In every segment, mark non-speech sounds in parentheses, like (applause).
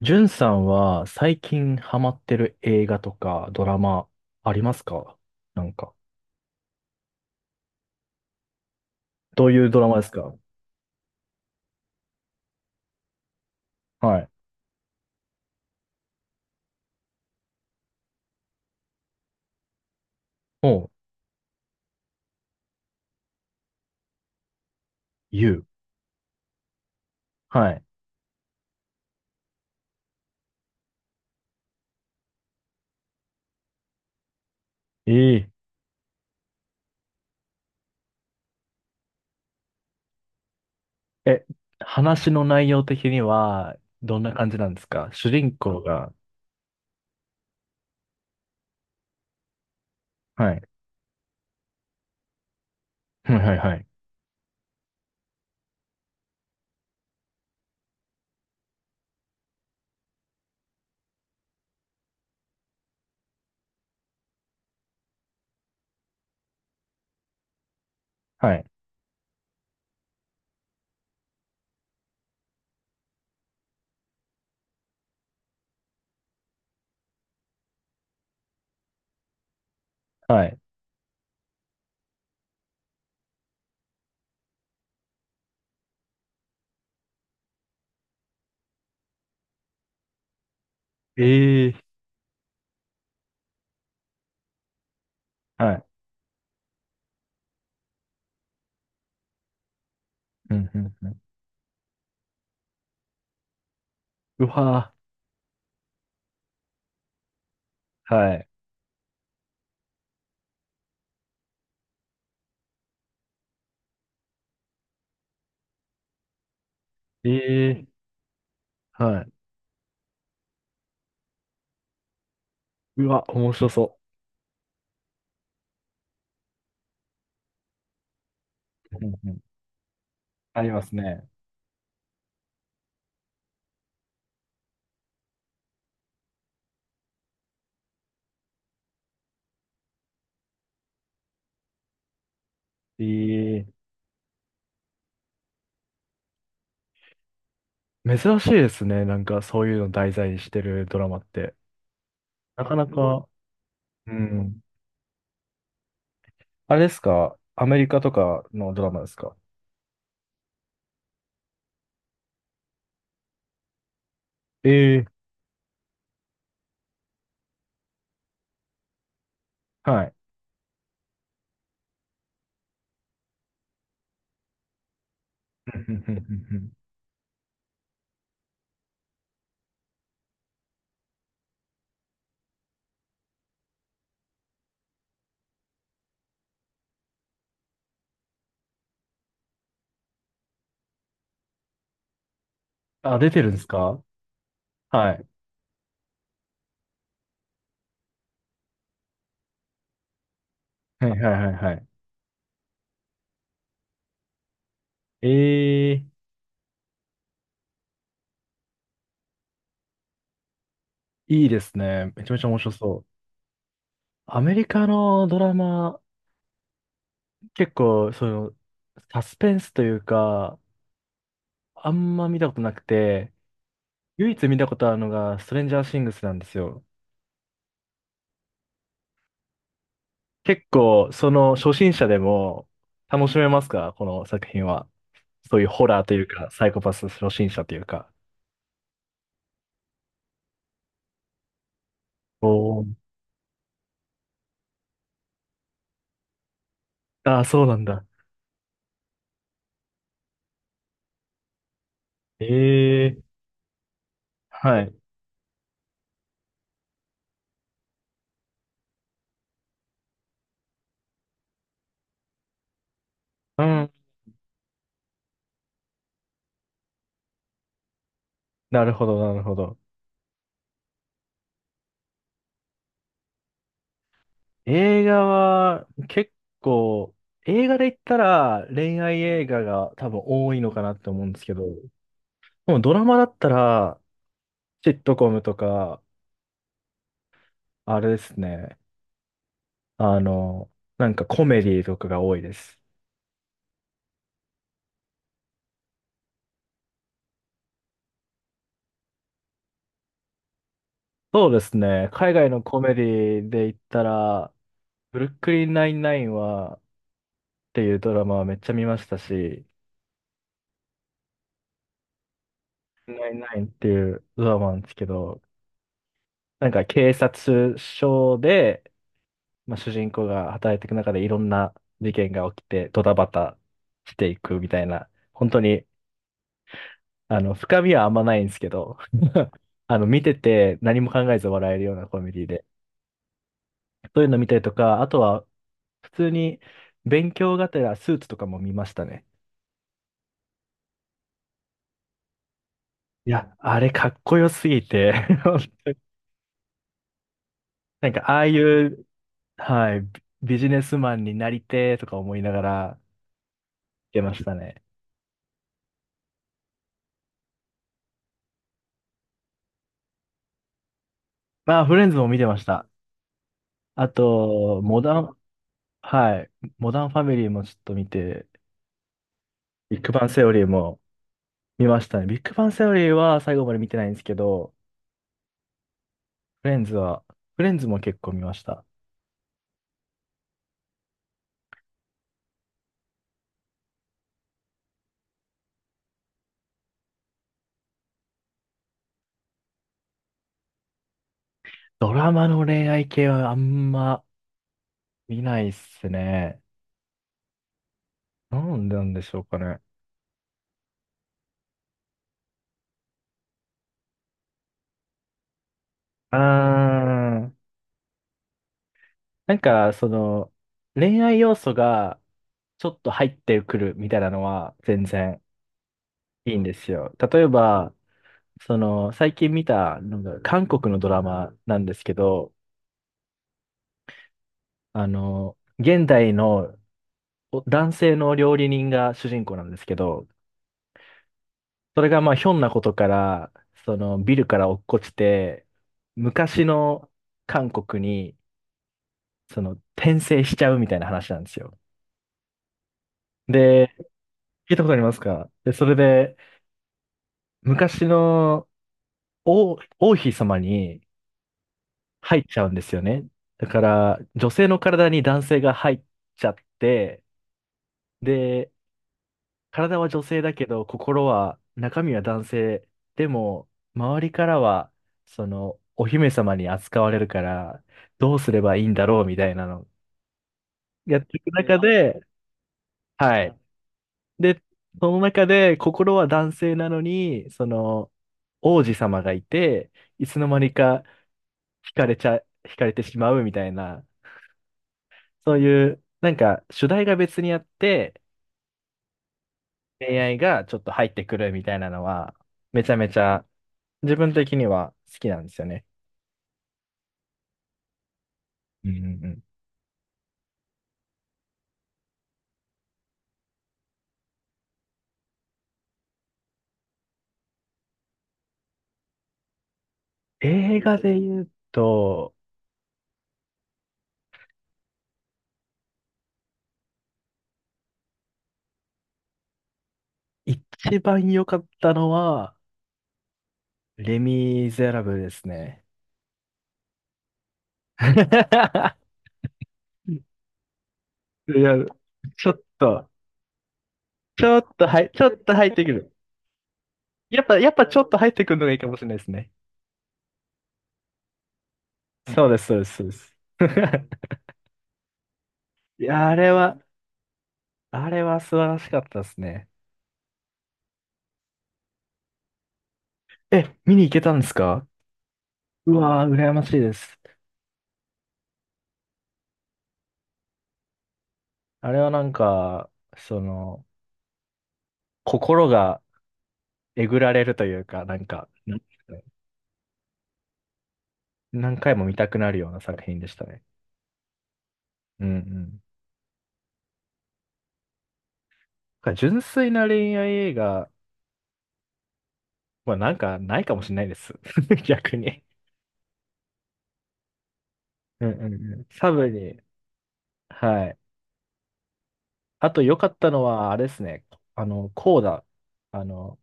じゅんさんは最近ハマってる映画とかドラマありますか？なんか。どういうドラマですか？はい。おう、You。はい。えええ、話の内容的にはどんな感じなんですか、主人公が。はい。はいはいはい。はい。はい。ええ、はい。うんうんうん。うわぁ。はい。ええ、はい。うわ、面白そう。うんうん、ありますね。ええ、珍しいですね。なんかそういうの題材にしてるドラマって。なかなか、うん。あれですか？アメリカとかのドラマですか？ええ。はい。うんうんうんうんうん、あ、出てるんですか？はい。はいはいはいはい。ええ、いいですね。めちゃめちゃ面白そう。アメリカのドラマ、結構、その、サスペンスというか、あんま見たことなくて、唯一見たことあるのが、ストレンジャーシングスなんですよ。結構、その初心者でも楽しめますか？この作品は。そういうホラーというか、サイコパス初心者というか。おー。ああ、そうなんだ。ええ、はい。うん。なるほど、なるほど。映画は結構、映画で言ったら恋愛映画が多分多いのかなって思うんですけど、もうドラマだったら、シットコムとか、あれですね。あの、なんかコメディとかが多いです。そうですね。海外のコメディで言ったら、ブルックリン99っていうドラマはめっちゃ見ましたし、99っていうドラマなんですけど、なんか警察署で、まあ、主人公が働いていく中でいろんな事件が起きてドタバタしていくみたいな、本当に、深みはあんまないんですけど、(laughs) 見てて何も考えず笑えるようなコメディで、そういうの見たりとか、あとは普通に勉強がてらスーツとかも見ましたね。いや、あれかっこよすぎて (laughs) なんかああいう、はい、ビジネスマンになりてーとか思いながら見てましたね。まあ、フレンズも見てました。あと、モダン、はい、モダンファミリーもちょっと見て、ビッグバンセオリーも見ましたね。ビッグバンセオリーは最後まで見てないんですけど、フレンズは、フレンズも結構見ました。ドラマの恋愛系はあんま見ないっすね。なんでなんでしょうかね。うーん。なんか、その、恋愛要素がちょっと入ってくるみたいなのは全然いいんですよ。例えば、その、最近見た、なんだろう、韓国のドラマなんですけど、現代のお男性の料理人が主人公なんですけど、それがまあ、ひょんなことから、その、ビルから落っこちて、昔の韓国に、その、転生しちゃうみたいな話なんですよ。で、聞いたことありますか？で、それで、昔の王妃様に入っちゃうんですよね。だから、女性の体に男性が入っちゃって、で、体は女性だけど、心は、中身は男性。でも、周りからは、その、お姫様に扱われるから、どうすればいいんだろうみたいなのやっていく中で、はい。で、その中で、心は男性なのに、その、王子様がいて、いつの間にか、惹かれちゃ、惹かれてしまうみたいな、そういう、なんか主題が別にあって、恋愛がちょっと入ってくるみたいなのは、めちゃめちゃ自分的には好きなんですよね。うんうんうん。映画で言うと、一番良かったのは、レ・ミゼラブルですね。(laughs) いや、ちょっと、ちょっと、はい、ちょっと入ってくる。やっぱちょっと入ってくるのがいいかもしれないですね。そうです、そうです、そうです。(laughs) いや、あれは素晴らしかったですね。え、見に行けたんですか？うわー、羨ましいです。あれはなんか、その、心がえぐられるというか、なんか、なんていうんですかね？何回も見たくなるような作品でしたね。うんうん。なんか純粋な恋愛映画はなんかないかもしれないです。(laughs) 逆に。うんうんうん。サブに。はい。あと良かったのは、あれですね。コーダ。あの、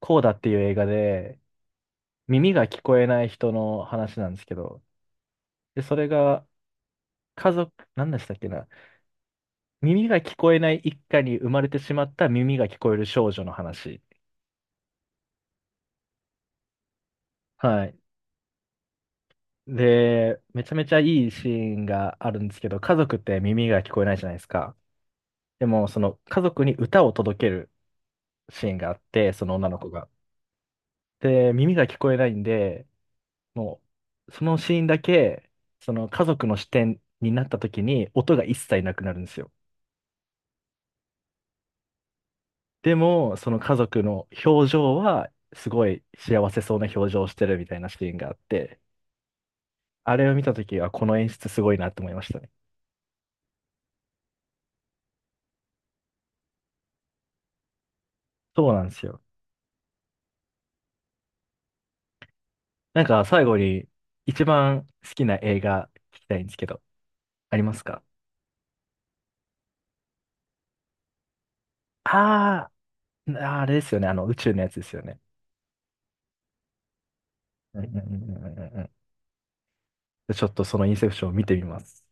コーダっていう映画で、耳が聞こえない人の話なんですけど、で、それが家族、何でしたっけな。耳が聞こえない一家に生まれてしまった耳が聞こえる少女の話。はい。で、めちゃめちゃいいシーンがあるんですけど、家族って耳が聞こえないじゃないですか。でも、その家族に歌を届けるシーンがあって、その女の子が。で、耳が聞こえないんで、もう、そのシーンだけ、その家族の視点になった時に音が一切なくなるんですよ。でも、その家族の表情は、すごい幸せそうな表情をしてるみたいなシーンがあって、あれを見たときは、この演出すごいなって思いましたね。そうなんですよ。なんか、最後に、一番好きな映画聞きたいんですけど、ありますか？あー、あれですよね。宇宙のやつですよね。うんうんうんうんうんうん。ちょっとそのインセプションを見てみます。